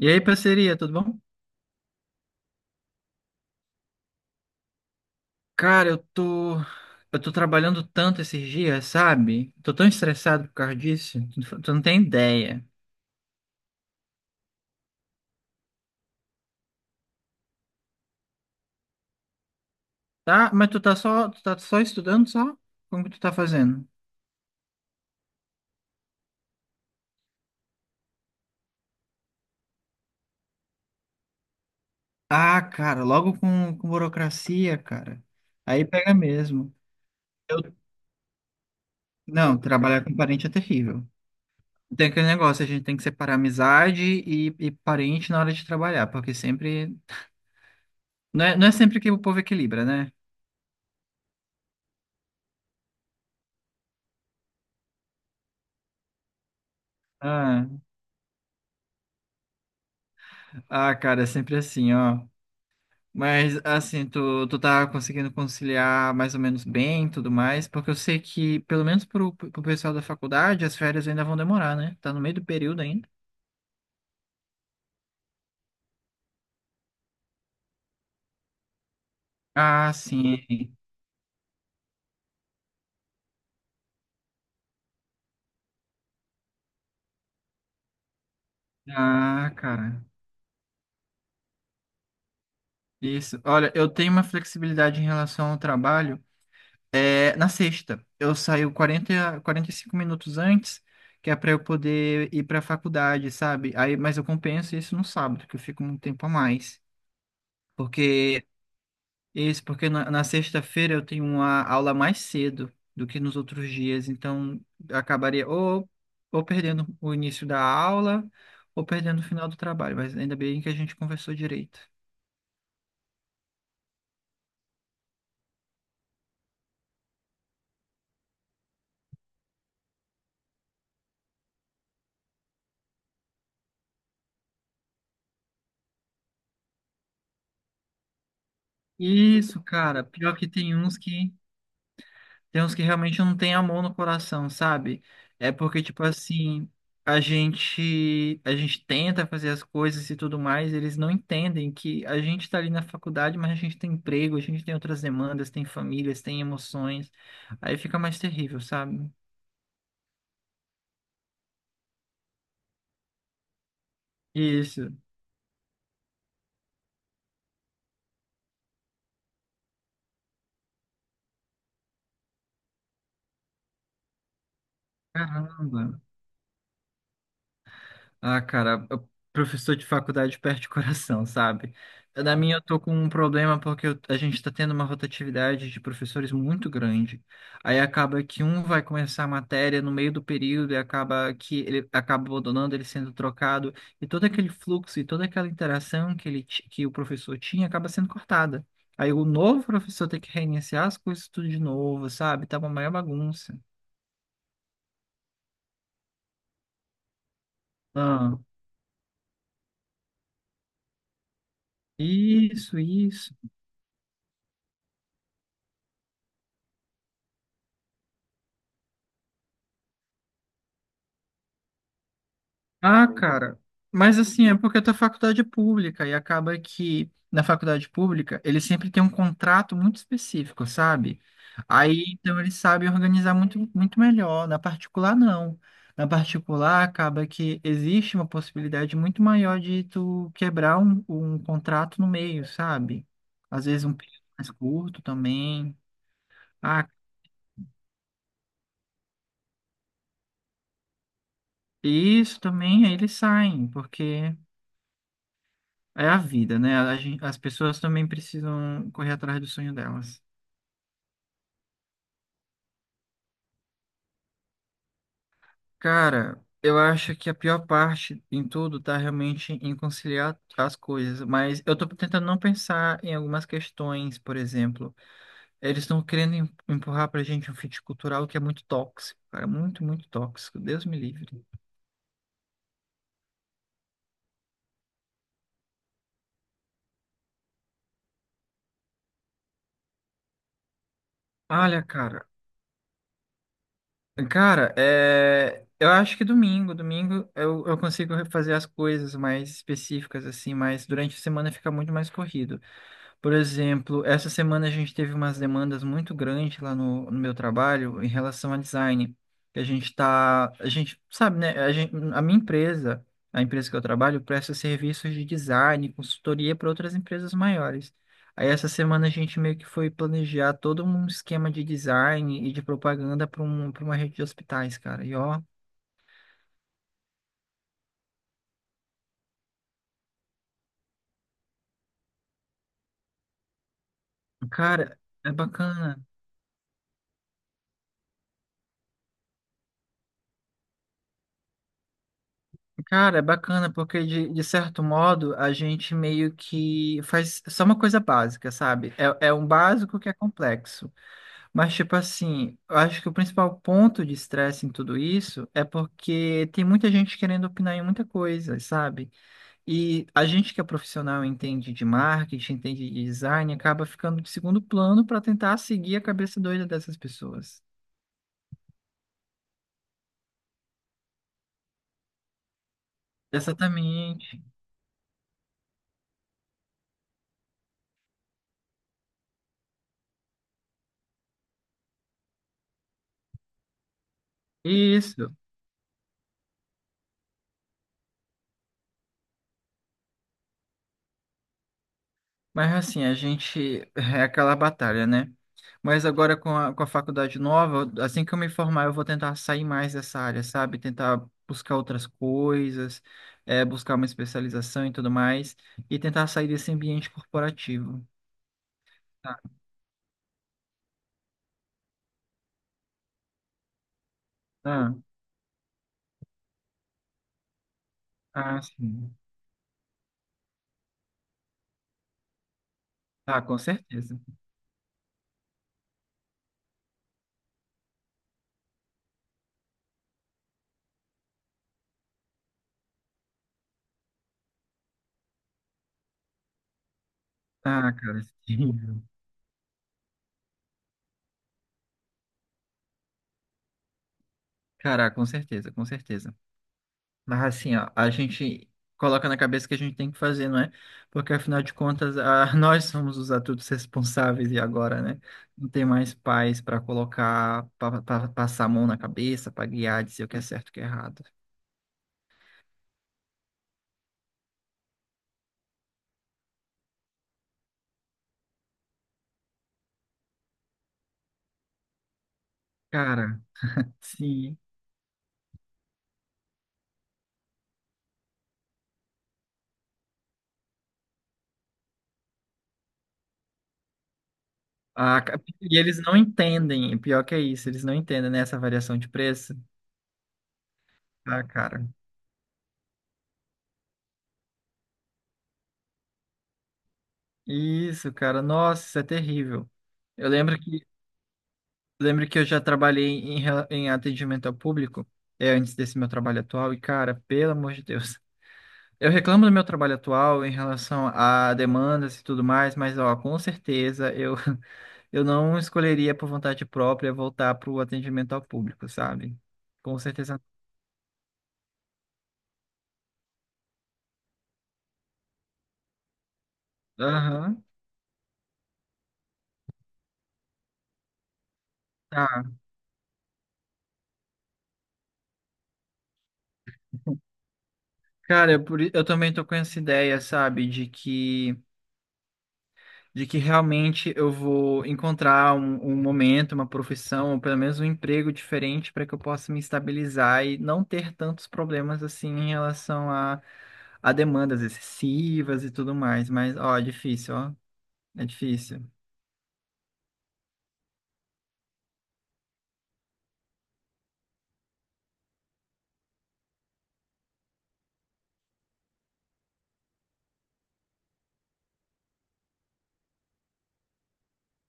E aí, parceria, tudo bom? Cara, eu tô trabalhando tanto esses dias, sabe? Tô tão estressado por causa disso, tu não tem ideia. Tá? Mas tu tá só estudando só? Como que tu tá fazendo? Ah, cara, logo com burocracia, cara. Aí pega mesmo. Eu, não, trabalhar com parente é terrível. Tem aquele negócio, a gente tem que separar amizade e parente na hora de trabalhar, porque sempre. Não é sempre que o povo equilibra, né? Ah, ah, cara, é sempre assim, ó. Mas assim, tu tá conseguindo conciliar mais ou menos bem, e tudo mais, porque eu sei que, pelo menos pro pessoal da faculdade, as férias ainda vão demorar, né? Tá no meio do período ainda. Ah, sim. Ah, cara. Isso. Olha, eu tenho uma flexibilidade em relação ao trabalho. É, na sexta, eu saio quarenta e cinco minutos antes, que é para eu poder ir para a faculdade, sabe? Aí, mas eu compenso isso no sábado, que eu fico um tempo a mais. Porque isso, porque na sexta-feira eu tenho uma aula mais cedo do que nos outros dias, então acabaria ou perdendo o início da aula ou perdendo o final do trabalho, mas ainda bem que a gente conversou direito. Isso, cara, pior que tem uns que realmente não tem amor no coração, sabe? É porque, tipo assim, a gente tenta fazer as coisas e tudo mais, eles não entendem que a gente tá ali na faculdade, mas a gente tem emprego, a gente tem outras demandas, tem famílias, tem emoções. Aí fica mais terrível, sabe? Isso. Caramba. Ah, cara, professor de faculdade perde o coração, sabe? Na minha, eu tô com um problema porque a gente tá tendo uma rotatividade de professores muito grande. Aí acaba que um vai começar a matéria no meio do período e acaba que ele acaba abandonando, ele sendo trocado. E todo aquele fluxo e toda aquela interação que que o professor tinha acaba sendo cortada. Aí o novo professor tem que reiniciar as coisas tudo de novo, sabe? Tá uma maior bagunça. Ah, isso, isso. Ah, cara, mas assim, é porque a tua faculdade é pública e acaba que na faculdade pública ele sempre tem um contrato muito específico, sabe? Aí então ele sabe organizar muito, muito melhor. Na particular, não. Na particular, acaba que existe uma possibilidade muito maior de tu quebrar um contrato no meio, sabe? Às vezes um período mais curto também. Ah, isso também, aí eles saem, porque. É a vida, né? As pessoas também precisam correr atrás do sonho delas. Cara, eu acho que a pior parte em tudo tá realmente em conciliar as coisas, mas eu tô tentando não pensar em algumas questões, por exemplo, eles estão querendo empurrar pra gente um fit cultural que é muito tóxico, cara, muito, muito tóxico, Deus me livre. Olha, cara, é... eu acho que domingo eu consigo fazer as coisas mais específicas, assim, mas durante a semana fica muito mais corrido. Por exemplo, essa semana a gente teve umas demandas muito grandes lá no meu trabalho em relação a design. Que a gente sabe, né? A empresa que eu trabalho presta serviços de design, consultoria para outras empresas maiores. Aí essa semana a gente meio que foi planejar todo um esquema de design e de propaganda para uma rede de hospitais, cara. E ó, cara, é bacana. Cara, é bacana, porque de certo modo a gente meio que faz só uma coisa básica, sabe? É um básico que é complexo. Mas, tipo assim, eu acho que o principal ponto de estresse em tudo isso é porque tem muita gente querendo opinar em muita coisa, sabe? E a gente que é profissional e entende de marketing, entende de design, acaba ficando de segundo plano para tentar seguir a cabeça doida dessas pessoas. Exatamente. Isso. Mas assim, a gente é aquela batalha, né? Mas agora com a faculdade nova, assim que eu me formar, eu vou tentar sair mais dessa área, sabe? Tentar buscar outras coisas, é, buscar uma especialização e tudo mais, e tentar sair desse ambiente corporativo. Tá. Ah, ah, sim. Ah, com certeza. Ah, cara, sim. Cara, com certeza, com certeza. Mas assim, ó, a gente coloca na cabeça que a gente tem que fazer, não é? Porque afinal de contas, nós somos os adultos responsáveis e agora, né? Não tem mais pais para colocar, para passar a mão na cabeça, para guiar, dizer o que é certo e o que é errado. Cara, sim. E eles não entendem, pior que é isso, eles não entendem, né, essa variação de preço. Ah, cara. Isso, cara. Nossa, isso é terrível. Eu lembro que Lembro que eu já trabalhei em atendimento ao público, é, antes desse meu trabalho atual, e cara, pelo amor de Deus. Eu reclamo do meu trabalho atual em relação a demandas e tudo mais, mas ó, com certeza eu, eu não escolheria por vontade própria voltar para o atendimento ao público, sabe? Com certeza. Aham. Tá. Cara, eu também tô com essa ideia, sabe, de que realmente eu vou encontrar um momento, uma profissão, ou pelo menos um emprego diferente para que eu possa me estabilizar e não ter tantos problemas assim em relação a demandas excessivas e tudo mais. Mas, ó, é difícil, ó. É difícil.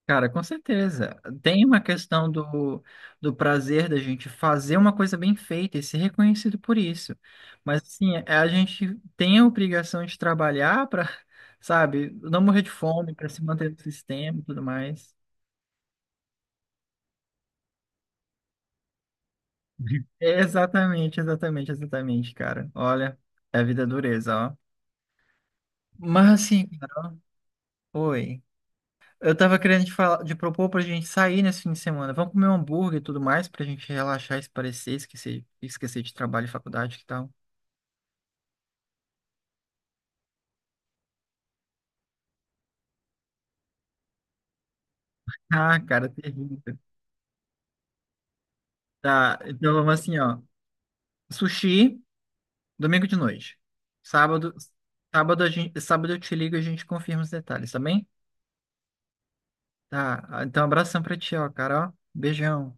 Cara, com certeza. Tem uma questão do prazer da gente fazer uma coisa bem feita e ser reconhecido por isso. Mas, assim, a gente tem a obrigação de trabalhar para, sabe, não morrer de fome, para se manter no sistema e tudo mais. É, exatamente, exatamente, exatamente, cara. Olha, é a vida dureza, ó. Mas, assim, cara, ó, oi. Eu tava querendo te falar, de propor pra gente sair nesse fim de semana. Vamos comer um hambúrguer e tudo mais pra gente relaxar, esparecer, esquecer de trabalho e faculdade que tal. Ah, cara, terrível. Tá, então vamos assim, ó. Sushi, domingo de noite. Sábado, sábado eu te ligo e a gente confirma os detalhes, tá bem? Tá, então abração pra ti, ó, cara, ó. Beijão.